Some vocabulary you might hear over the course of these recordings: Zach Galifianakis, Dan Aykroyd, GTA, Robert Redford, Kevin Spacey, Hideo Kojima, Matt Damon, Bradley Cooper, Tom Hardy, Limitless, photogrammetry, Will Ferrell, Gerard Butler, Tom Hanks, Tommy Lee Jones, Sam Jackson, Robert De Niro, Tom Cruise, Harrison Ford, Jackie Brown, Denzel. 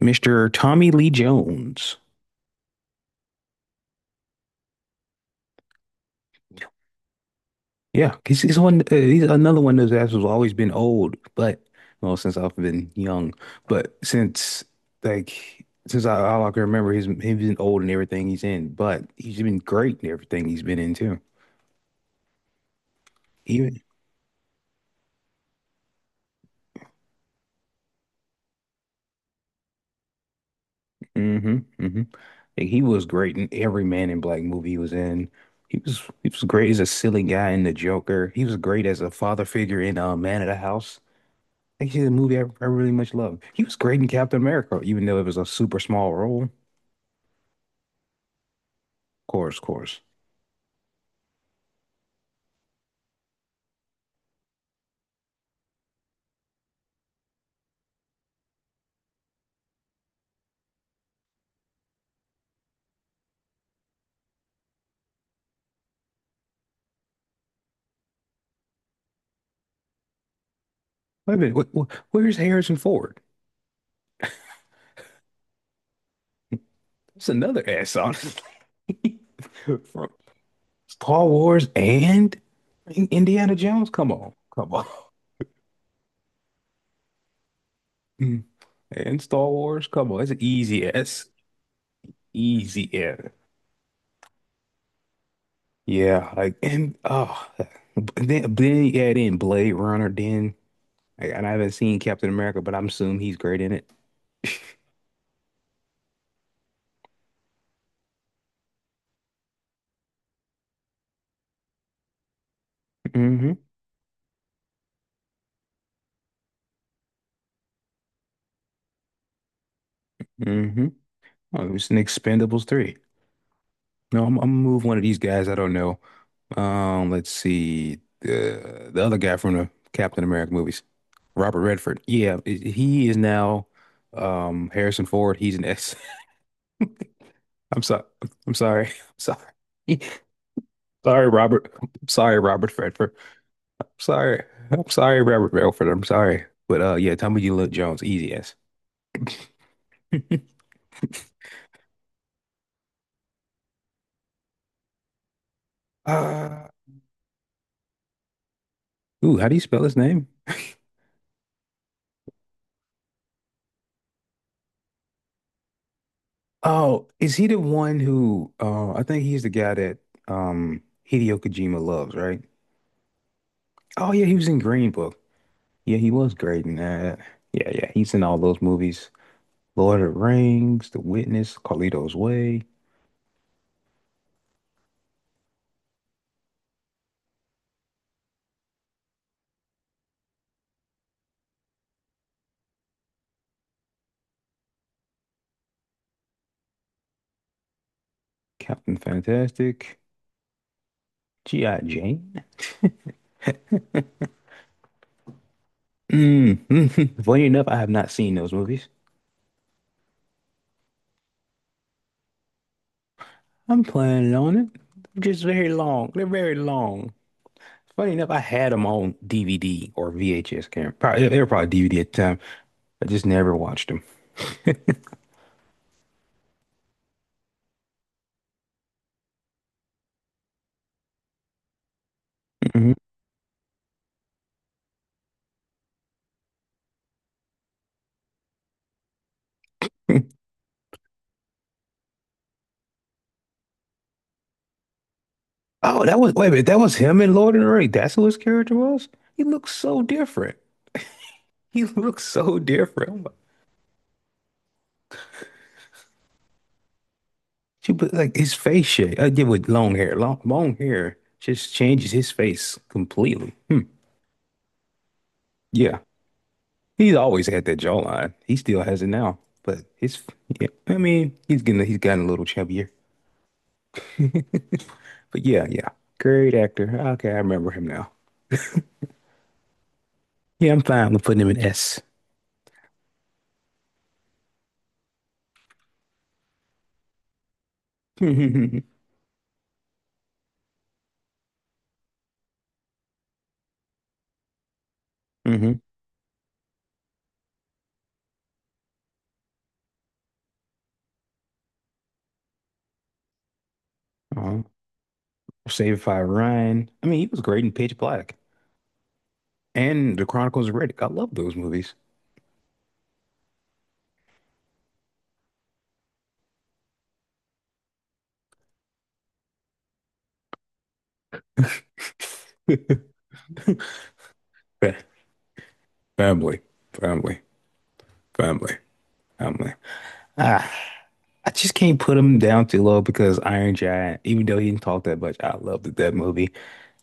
Mr. Tommy Lee Jones. Yeah, he's one. He's another one that's has always been old, but well, since I've been young, but since like since I all I can remember, he's been old in everything he's in, but he's been great in everything he's been in too. Even mm-hmm, mm-hmm. Like, he was great in every Man in Black movie he was in. He was great as a silly guy in The Joker. He was great as a father figure in Man of the House. Actually, a movie I really much love. He was great in Captain America, even though it was a super small role. Of course, of course. Wait a minute, wh wh where's Harrison Ford? That's another ass on it. From Star Wars and Indiana Jones. Come on, come on. Mm. And Star Wars. Come on, it's an easy ass, easy ass. Yeah, like and oh, then you add in Blade Runner. Then like, and I haven't seen Captain America, but I'm assuming he's great in it. hmm hmm Oh, it's an Expendables 3. No, I'm gonna move one of these guys. I don't know. Let's see. The other guy from the Captain America movies, Robert Redford. Yeah, he is now Harrison Ford. He's an S. I'm sorry. I'm sorry. I'm sorry. Sorry, Robert. I'm sorry, Robert Redford. Sorry. I'm sorry, Robert Redford. I'm sorry. But yeah, Tommy Lee Jones, easy ass. Uh, ooh, how do you spell his name? Oh, is he the one who I think he's the guy that um Hideo Kojima loves, right? Oh yeah, he was in Green Book. Yeah, he was great in that. Yeah, yeah, he's in all those movies. Lord of the Rings, The Witness, Carlito's Way, Captain Fantastic, G.I. Jane. Mm. Funny enough, I have not seen those movies. I'm planning on it. They're just very long. They're very long. Funny enough, I had them on DVD or VHS camera. Probably, they were probably DVD at the time. I just never watched him. Oh, that was wait a minute. That was him in Lord of the Rings. That's who his character was. He looks so different. He looks so different. I'm like, she put like his face shape. I did with long hair. Long hair just changes his face completely. Hmm. Yeah, he's always had that jawline. He still has it now. But his yeah, I mean, he's gotten a little chubbier. But yeah, yeah, great actor. Okay, I remember him now. Yeah, I'm fine with putting him in S. hmm Saved by Ryan. I mean, he was great in Pitch Black and The Chronicles of Riddick. I love those movies. Family, family, family, family. Ah, I just can't put him down too low because Iron Giant, even though he didn't talk that much, I loved that movie.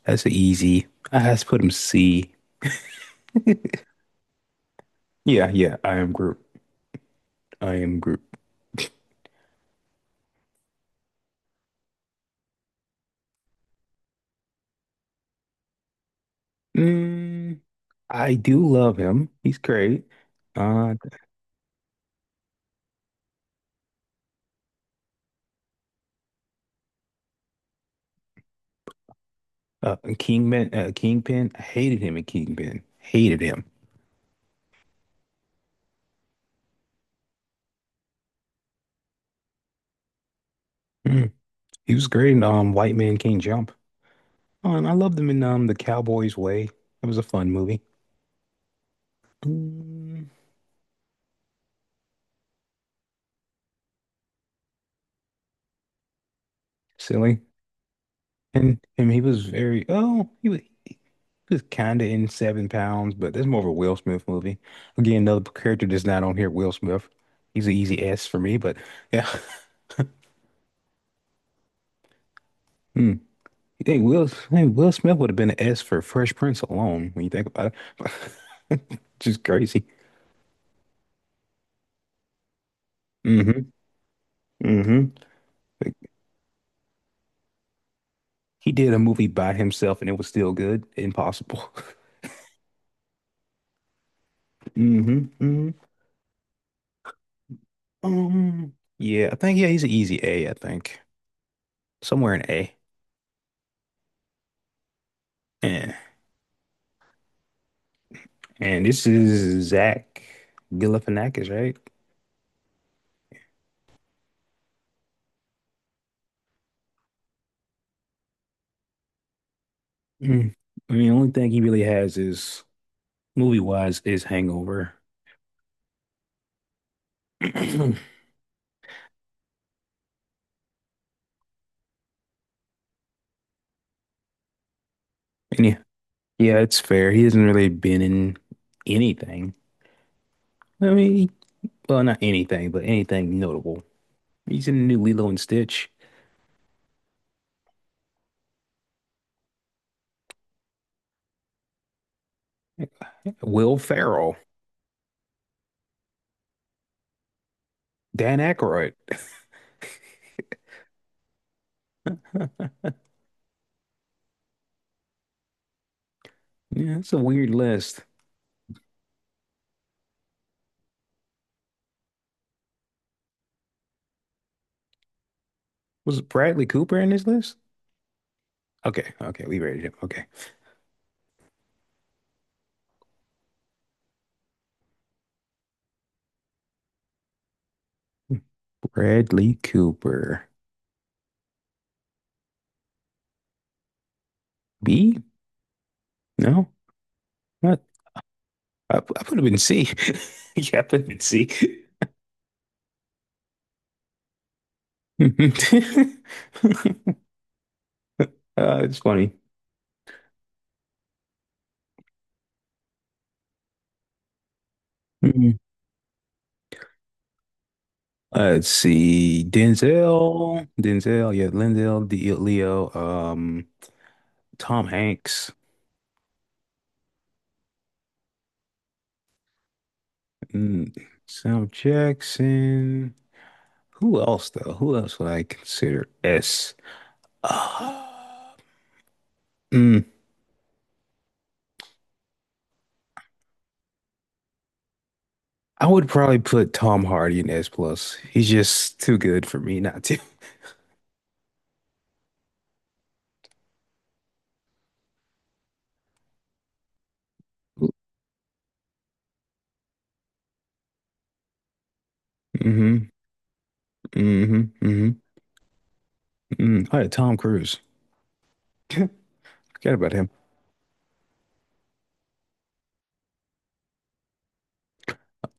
That's a easy. I has to put him C. Yeah, yeah, I am Groot. I am Groot. Mm, I do love him. He's great. Uh, Kingpin, Kingpin. I hated him in Kingpin. Hated him. Mm. He was great in White Man Can't Jump. Oh, and I loved him in The Cowboy's Way. That was a fun movie. Mm, silly. And he was very, oh, he was kind of in Seven Pounds, but that's more of a Will Smith movie. Again, another character that's not on here, Will Smith. He's an easy S for me, but yeah. Hmm. You think Will, hey, Will Smith would have been an S for Fresh Prince alone when you think about it. Just crazy. Mm-hmm. Mm-hmm. He did a movie by himself and it was still good. Impossible. hmm hmm Um, yeah, I think yeah, he's an easy A, I think. Somewhere in A. Yeah. And this is Zach Galifianakis, right? Mm. I mean, the only thing he really has is movie wise is Hangover. And yeah, yeah, it's fair. He hasn't really been in anything. I mean, well, not anything, but anything notable. He's in the new Lilo and Stitch. Will Ferrell, Dan Aykroyd. Yeah, that's a weird list. Was Bradley Cooper in this list? Okay, okay, we rated him. Okay. Bradley Cooper. B? No? Not I put him in C. Yeah, I put him in C. It's funny. Mhm. Let's see. Denzel. Denzel, yeah, Lindell, D Leo, Tom Hanks, mm, Sam Jackson. Who else though? Who else would I consider S? Uh, mm, I would probably put Tom Hardy in S plus. He's just too good for me not to. hmm hmm hmm Oh yeah, Tom Cruise. Forget about him.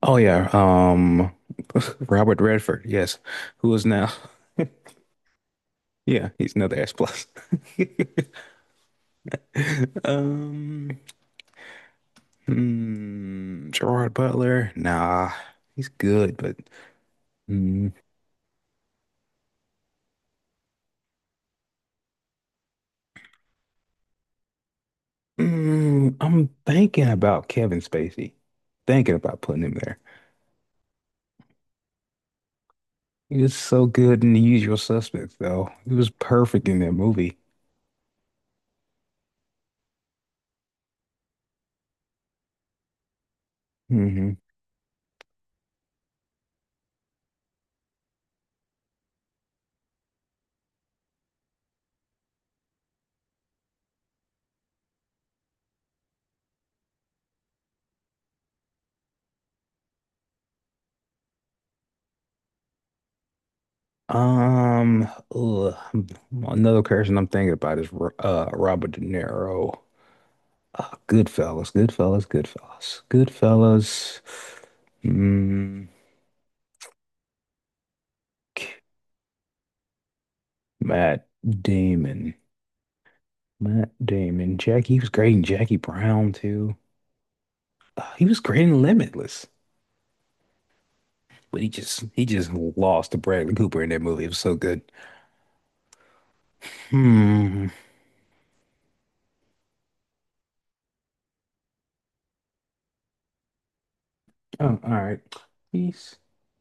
Oh yeah, Robert Redford. Yes, who is now? Yeah, he's another S plus. Um, Gerard Butler. Nah, he's good, but mm, I'm thinking about Kevin Spacey. Thinking about putting him there. It's so good in The Usual Suspects, though. It was perfect in that movie. hmm Um, ugh, another person I'm thinking about is Robert De Niro. Goodfellas, Goodfellas, Goodfellas, Goodfellas. Mm, Matt Damon, Matt Damon. Jack, he was great in Jackie Brown too. He was great in Limitless, but he just lost to Bradley Cooper in that movie. It was so good. Hmm. All right. Peace.